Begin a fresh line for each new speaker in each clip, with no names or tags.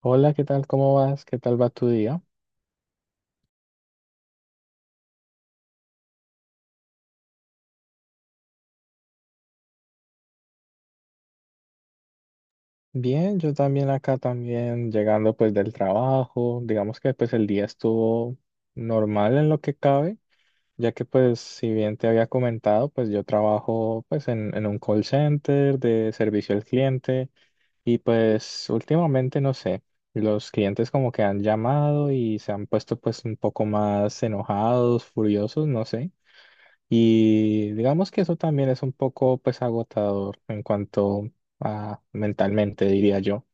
Hola, ¿qué tal? ¿Cómo vas? ¿Qué tal va tu día? Bien, yo también acá también llegando pues del trabajo. Digamos que pues el día estuvo normal en lo que cabe, ya que pues si bien te había comentado, pues yo trabajo pues en un call center de servicio al cliente y pues últimamente no sé, los clientes como que han llamado y se han puesto pues un poco más enojados, furiosos, no sé. Y digamos que eso también es un poco pues agotador en cuanto a mentalmente, diría yo.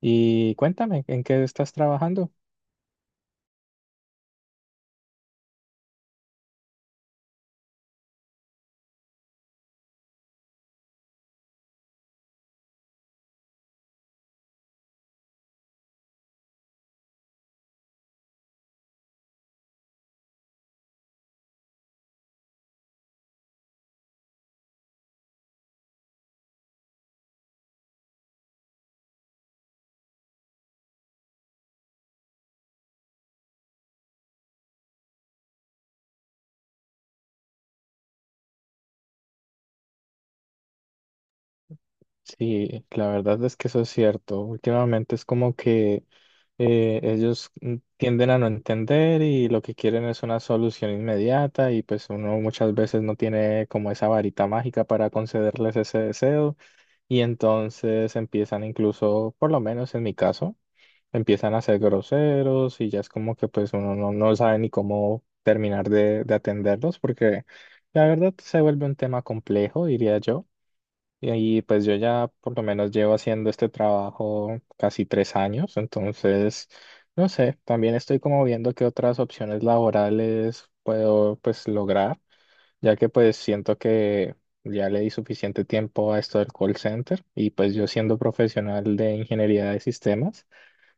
Y cuéntame, ¿en qué estás trabajando? Sí, la verdad es que eso es cierto. Últimamente es como que ellos tienden a no entender y lo que quieren es una solución inmediata y pues uno muchas veces no tiene como esa varita mágica para concederles ese deseo y entonces empiezan incluso, por lo menos en mi caso, empiezan a ser groseros y ya es como que pues uno no, no sabe ni cómo terminar de atenderlos porque la verdad se vuelve un tema complejo, diría yo. Y, ahí, pues yo ya por lo menos llevo haciendo este trabajo casi 3 años, entonces, no sé, también estoy como viendo qué otras opciones laborales puedo pues lograr ya que pues siento que ya le di suficiente tiempo a esto del call center y pues yo siendo profesional de ingeniería de sistemas,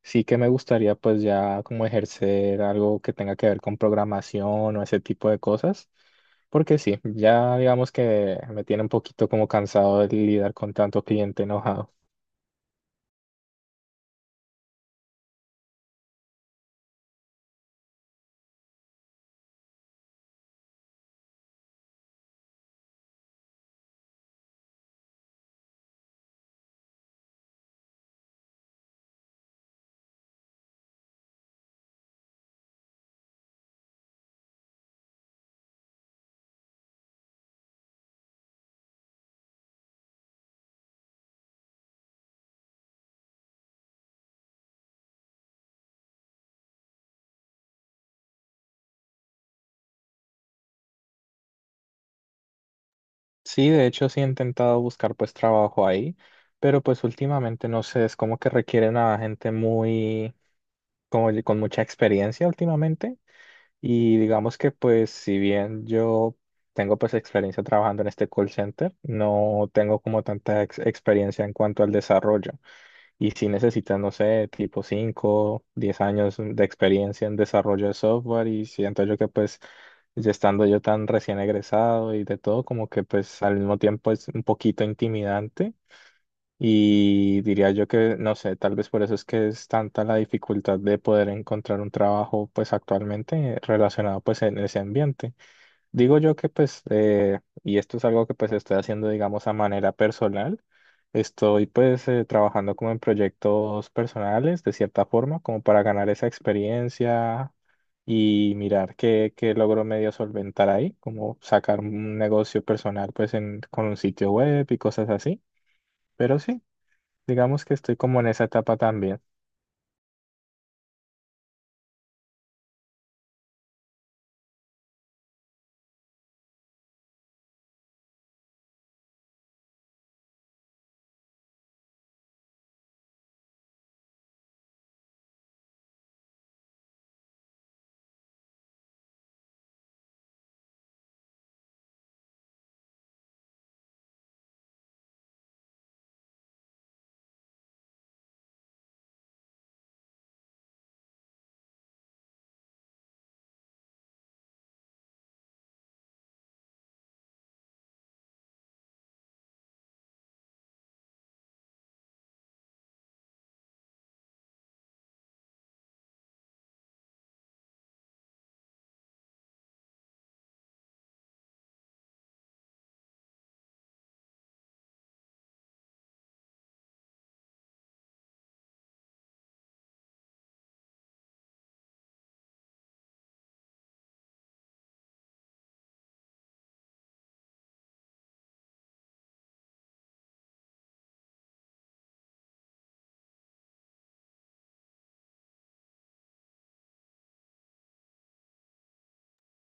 sí que me gustaría pues ya como ejercer algo que tenga que ver con programación o ese tipo de cosas, porque sí, ya digamos que me tiene un poquito como cansado de lidiar con tanto cliente enojado. Sí, de hecho sí he intentado buscar pues trabajo ahí, pero pues últimamente no sé, es como que requieren a gente muy, como con mucha experiencia últimamente. Y digamos que pues si bien yo tengo pues experiencia trabajando en este call center, no tengo como tanta experiencia en cuanto al desarrollo. Y si necesitas, no sé, tipo 5 10 años de experiencia en desarrollo de software y siento yo que pues ya estando yo tan recién egresado y de todo, como que pues al mismo tiempo es un poquito intimidante y diría yo que, no sé, tal vez por eso es que es tanta la dificultad de poder encontrar un trabajo pues actualmente relacionado pues en ese ambiente. Digo yo que pues, y esto es algo que pues estoy haciendo digamos a manera personal, estoy pues trabajando como en proyectos personales de cierta forma como para ganar esa experiencia y mirar qué, qué logro medio solventar ahí, como sacar un negocio personal pues en, con un sitio web y cosas así. Pero sí, digamos que estoy como en esa etapa también.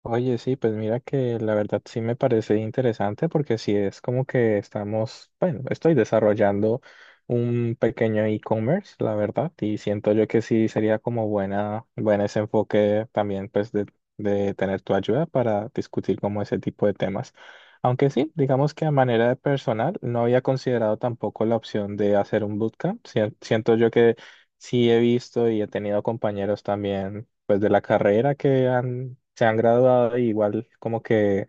Oye, sí, pues mira que la verdad sí me parece interesante porque sí es como que estamos, bueno, estoy desarrollando un pequeño e-commerce, la verdad, y siento yo que sí sería como buen ese enfoque también pues de tener tu ayuda para discutir como ese tipo de temas. Aunque sí, digamos que a manera de personal no había considerado tampoco la opción de hacer un bootcamp. Siento yo que sí he visto y he tenido compañeros también pues de la carrera que se han graduado, y igual como que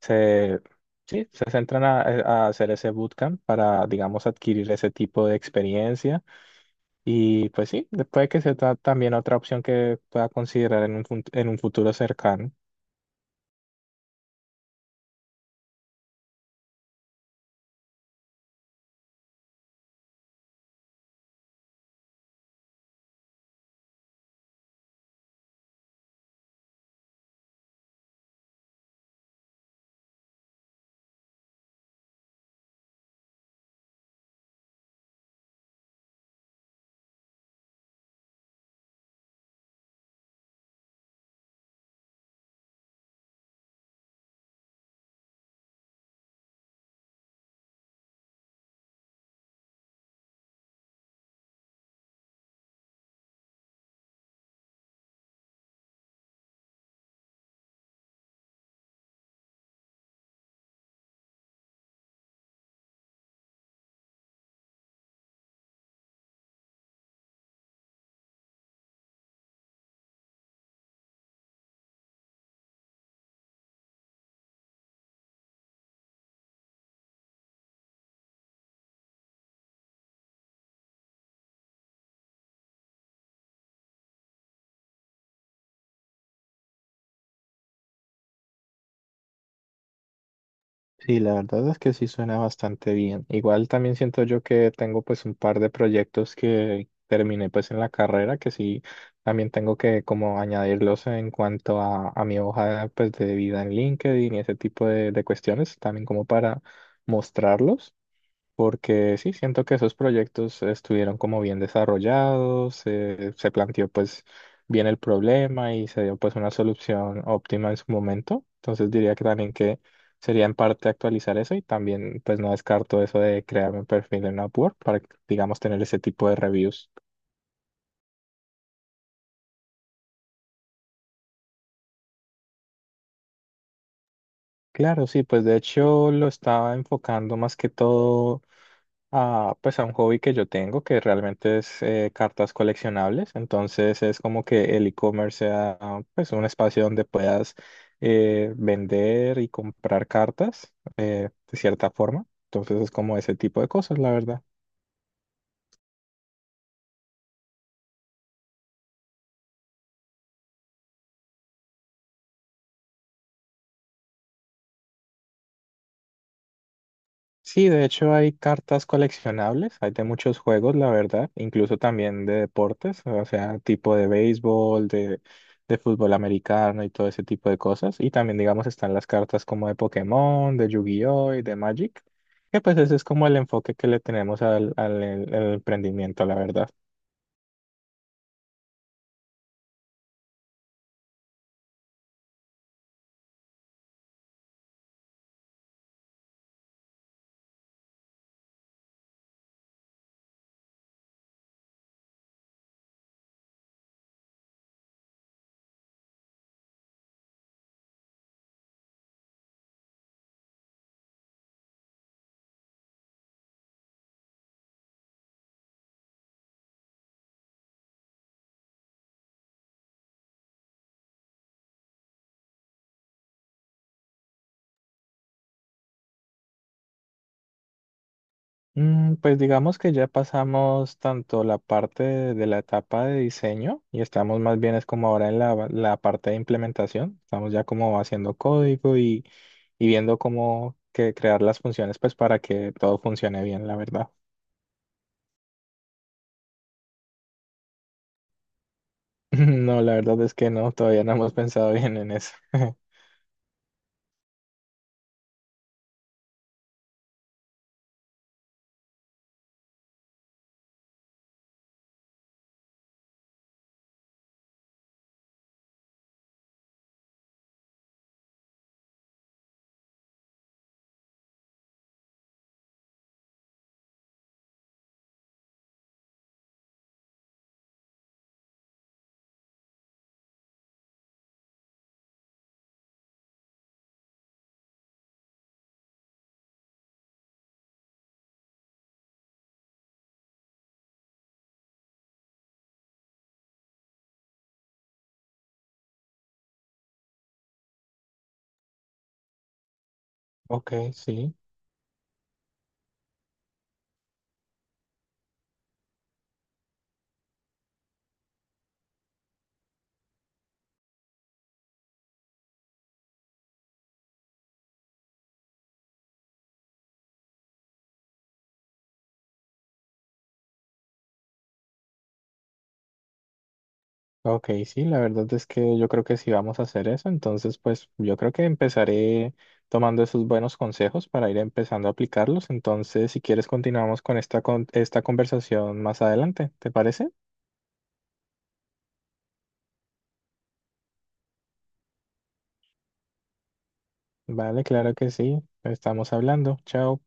se, sí, se centran a hacer ese bootcamp para, digamos, adquirir ese tipo de experiencia. Y pues sí, puede que sea también otra opción que pueda considerar en un futuro cercano. Sí, la verdad es que sí suena bastante bien. Igual también siento yo que tengo pues un par de proyectos que terminé pues en la carrera que sí también tengo que como añadirlos en cuanto a mi hoja pues de vida en LinkedIn y ese tipo de cuestiones también como para mostrarlos porque sí, siento que esos proyectos estuvieron como bien desarrollados, se planteó pues bien el problema y se dio pues una solución óptima en su momento. Entonces diría que también que sería en parte actualizar eso y también pues no descarto eso de crearme un perfil en Upwork para, digamos, tener ese tipo de reviews. Claro, sí, pues de hecho lo estaba enfocando más que todo, a, pues a un hobby que yo tengo que realmente es cartas coleccionables. Entonces es como que el e-commerce sea pues un espacio donde puedas vender y comprar cartas de cierta forma. Entonces es como ese tipo de cosas, la verdad. Sí, de hecho hay cartas coleccionables, hay de muchos juegos, la verdad, incluso también de deportes, o sea, tipo de béisbol, de fútbol americano y todo ese tipo de cosas. Y también, digamos, están las cartas como de Pokémon, de Yu-Gi-Oh y de Magic, que pues ese es como el enfoque que le tenemos al emprendimiento, la verdad. Pues digamos que ya pasamos tanto la parte de la etapa de diseño y estamos más bien es como ahora en la parte de implementación. Estamos ya como haciendo código y viendo cómo que crear las funciones pues para que todo funcione bien, la verdad. No, la verdad es que no, todavía no hemos pensado bien en eso. Ok, sí. Ok, sí, la verdad es que yo creo que sí vamos a hacer eso, entonces pues yo creo que empezaré tomando esos buenos consejos para ir empezando a aplicarlos, entonces si quieres continuamos con esta conversación más adelante, ¿te parece? Vale, claro que sí, estamos hablando, chao.